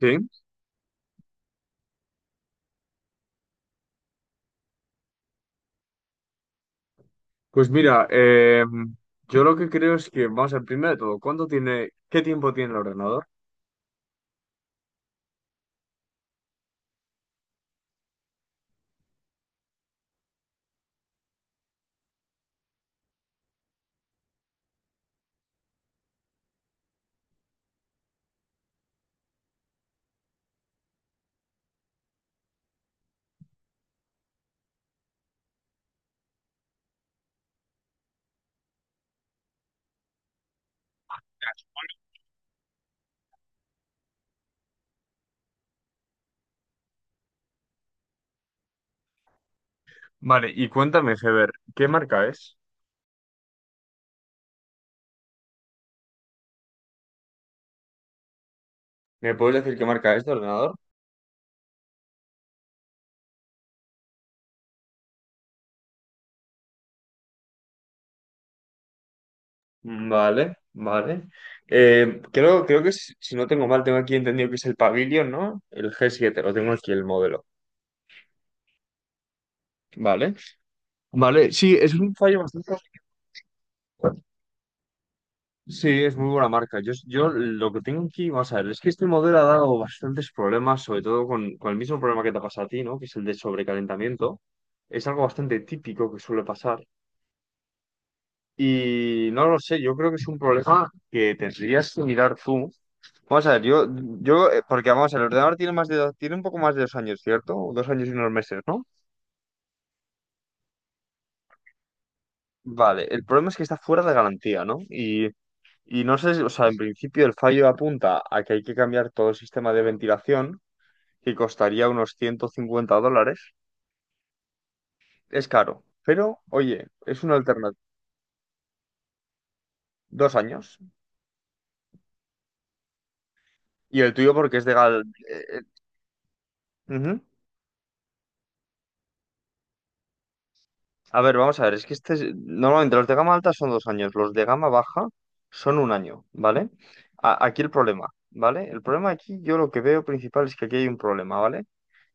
Sí, pues mira, yo lo que creo es que, vamos a ver, primero de todo, ¿qué tiempo tiene el ordenador? Vale, y cuéntame, Heber, ¿qué marca es? ¿Me puedes decir qué marca es de ordenador? Vale, vale. Creo que es- si no tengo mal, tengo aquí entendido que es el Pavilion, ¿no? El g siete. Lo tengo aquí el modelo. Vale. Vale, sí, es un fallo bastante. Sí, es muy buena marca. Yo lo que tengo aquí, vamos a ver, es que este modelo ha dado bastantes problemas, sobre todo con el mismo problema que te pasa a ti, ¿no? Que es el de sobrecalentamiento. Es algo bastante típico que suele pasar. Y no lo sé, yo creo que es un problema que tendrías que mirar tú. Vamos a ver, porque vamos a ver, el ordenador tiene más de, tiene un poco más de dos años, ¿cierto? O 2 años y unos meses, ¿no? Vale, el problema es que está fuera de garantía, ¿no? Y no sé, si- o sea, en principio el fallo apunta a que hay que cambiar todo el sistema de ventilación que costaría unos 150 dólares. Es caro, pero oye, es una alternativa. Dos años. Y el tuyo porque es de gal... ujú. A ver, vamos a ver, es que este es- normalmente los de gama alta son dos años, los de gama baja son un año, ¿vale? A- aquí el problema, ¿vale? El problema aquí, yo lo que veo principal es que aquí hay un problema, ¿vale?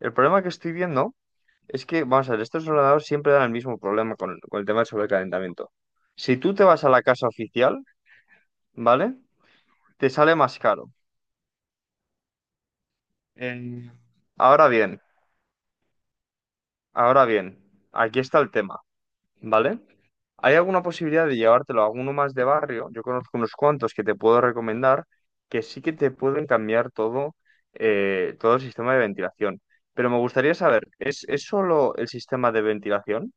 El problema que estoy viendo es que, vamos a ver, estos ordenadores siempre dan el mismo problema con el tema del sobrecalentamiento. Si tú te vas a la casa oficial, ¿vale? Te sale más caro. Eh, ahora bien, ahora bien, aquí está el tema, ¿vale? ¿Hay alguna posibilidad de llevártelo a alguno más de barrio? Yo conozco unos cuantos que te puedo recomendar que sí que te pueden cambiar todo, todo el sistema de ventilación. Pero me gustaría saber, es solo el sistema de ventilación?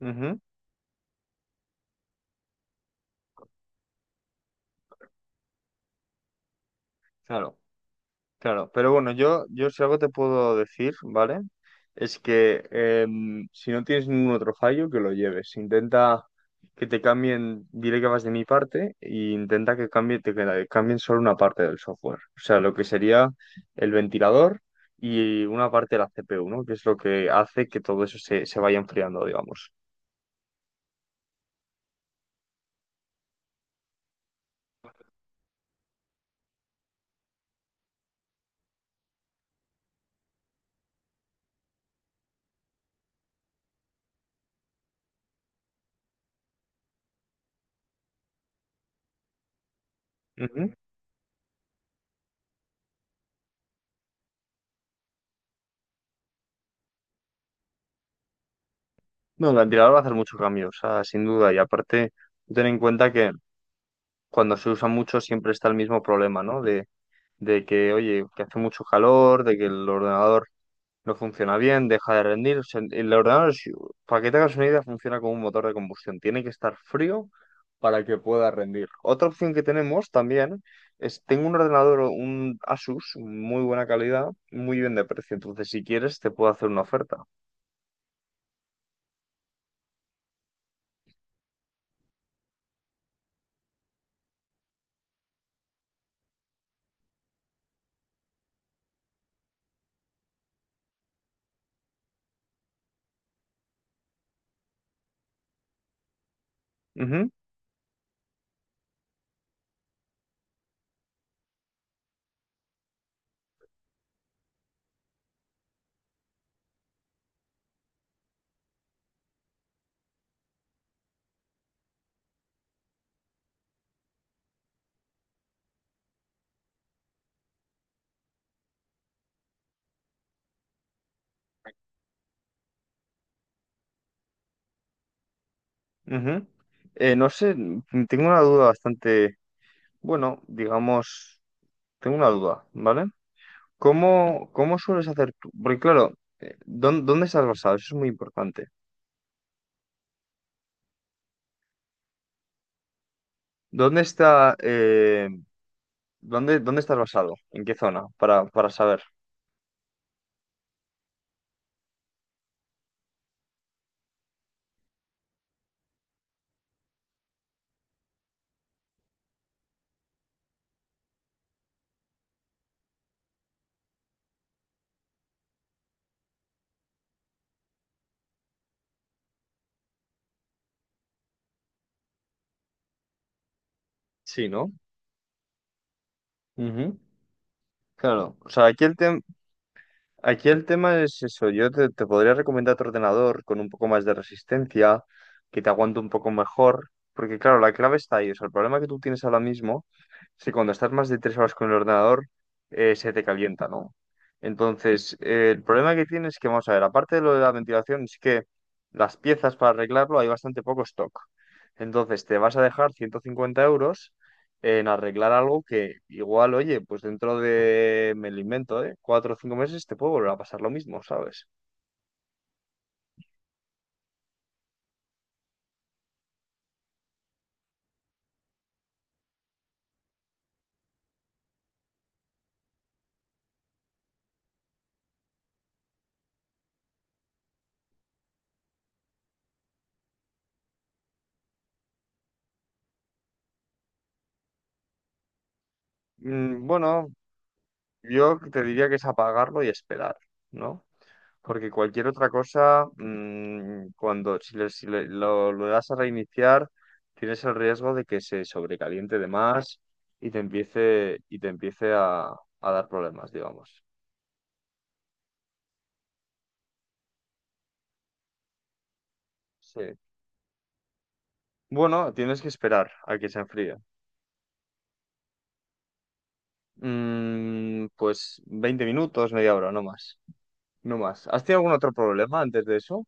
Ujú, claro. Claro, pero bueno, yo si algo te puedo decir, ¿vale? Es que em, si no tienes ningún otro fallo, que lo lleves. Intenta que te cambien, diré que vas de mi parte, e intenta que cambie, te, que la- cambien solo una parte del software. O sea, lo que sería el ventilador y una parte de la CPU, ¿no? Que es lo que hace que todo eso se, se vaya enfriando, digamos. Ujú. No, el ventilador va a hacer mucho cambio, o sea, sin duda. Y aparte, ten en cuenta que cuando se usa mucho siempre está el mismo problema, ¿no? De que, oye, que hace mucho calor, de que el ordenador no funciona bien, deja de rendir. O sea, el ordenador, si- para que te hagas una idea, funciona como un motor de combustión. Tiene que estar frío para que pueda rendir. Otra opción que tenemos también es, tengo un ordenador, un Asus, muy buena calidad, muy bien de precio. Entonces, si quieres, te puedo hacer una oferta. Ujú. Ujú. No sé, tengo una duda bastante, bueno, digamos, tengo una duda, ¿vale? ¿Cómo, cómo sueles hacer tú? Porque claro, ¿dón- ¿dónde, estás basado? Eso es muy importante. ¿Dónde está, dónde, dónde estás basado? ¿En qué zona? Para saber. Sí, ¿no? Ujú. Claro. O sea, aquí el tema. Aquí el tema es eso, yo te, te podría recomendar otro ordenador con un poco más de resistencia, que te aguante un poco mejor, porque claro, la clave está ahí, o sea, el problema que tú tienes ahora mismo es que cuando estás más de tres horas con el ordenador, se te calienta, ¿no? Entonces, el problema que tienes es que, vamos a ver, aparte de lo de la ventilación, es que las piezas para arreglarlo hay bastante poco stock. Entonces, te vas a dejar 150 euros en arreglar algo que igual, oye, pues dentro de, me lo invento, ¿eh? Cuatro o cinco meses te puede volver a pasar lo mismo, ¿sabes? Mm, bueno, yo te diría que es apagarlo y esperar, ¿no? Porque cualquier otra cosa, mm, cuando si, le, si le- lo das a reiniciar, tienes el riesgo de que se sobrecaliente de más y te empiece a dar problemas, digamos. Sí. Bueno, tienes que esperar a que se enfríe. Mm, pues 20 minutos, media hora, no más. No más. ¿Has tenido algún otro problema antes de eso?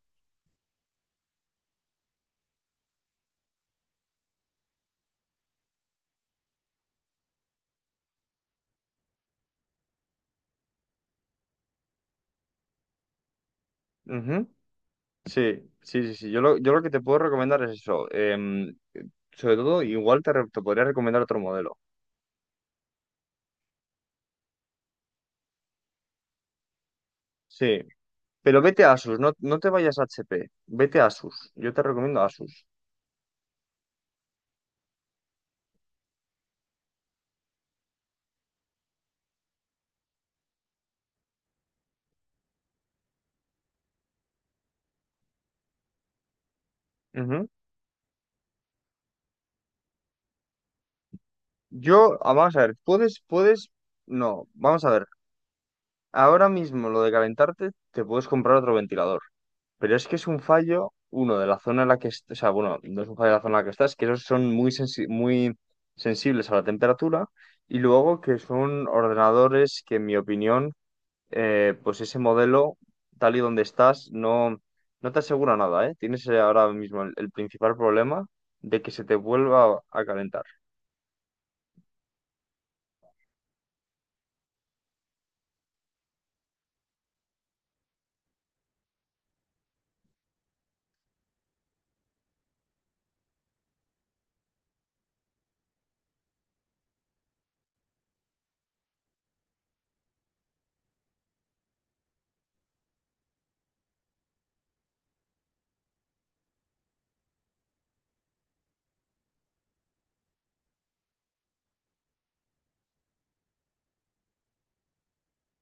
Ujú. Sí, sí, sí, sí. Yo lo que te puedo recomendar es eso. Em, sobre todo, igual te, re- te podría recomendar otro modelo. Sí. Pero vete a Asus, no, no te vayas a HP. Vete a Asus. Yo te recomiendo Asus. Ujú. Yo, ah, vamos a ver, puedes, no, vamos a ver. Ahora mismo lo de calentarte, te puedes comprar otro ventilador. Pero es que es un fallo, uno, de la zona en la que, est- o sea, bueno, no es un fallo de la zona en la que estás, que esos son muy, sensi- muy sensibles a la temperatura, y luego que son ordenadores que, en mi opinión, pues ese modelo, tal y donde estás, no, no te asegura nada, ¿eh? Tienes ahora mismo el principal problema de que se te vuelva a calentar.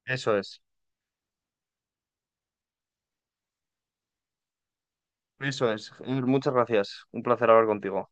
Eso es, eso es. Muchas gracias. Un placer hablar contigo.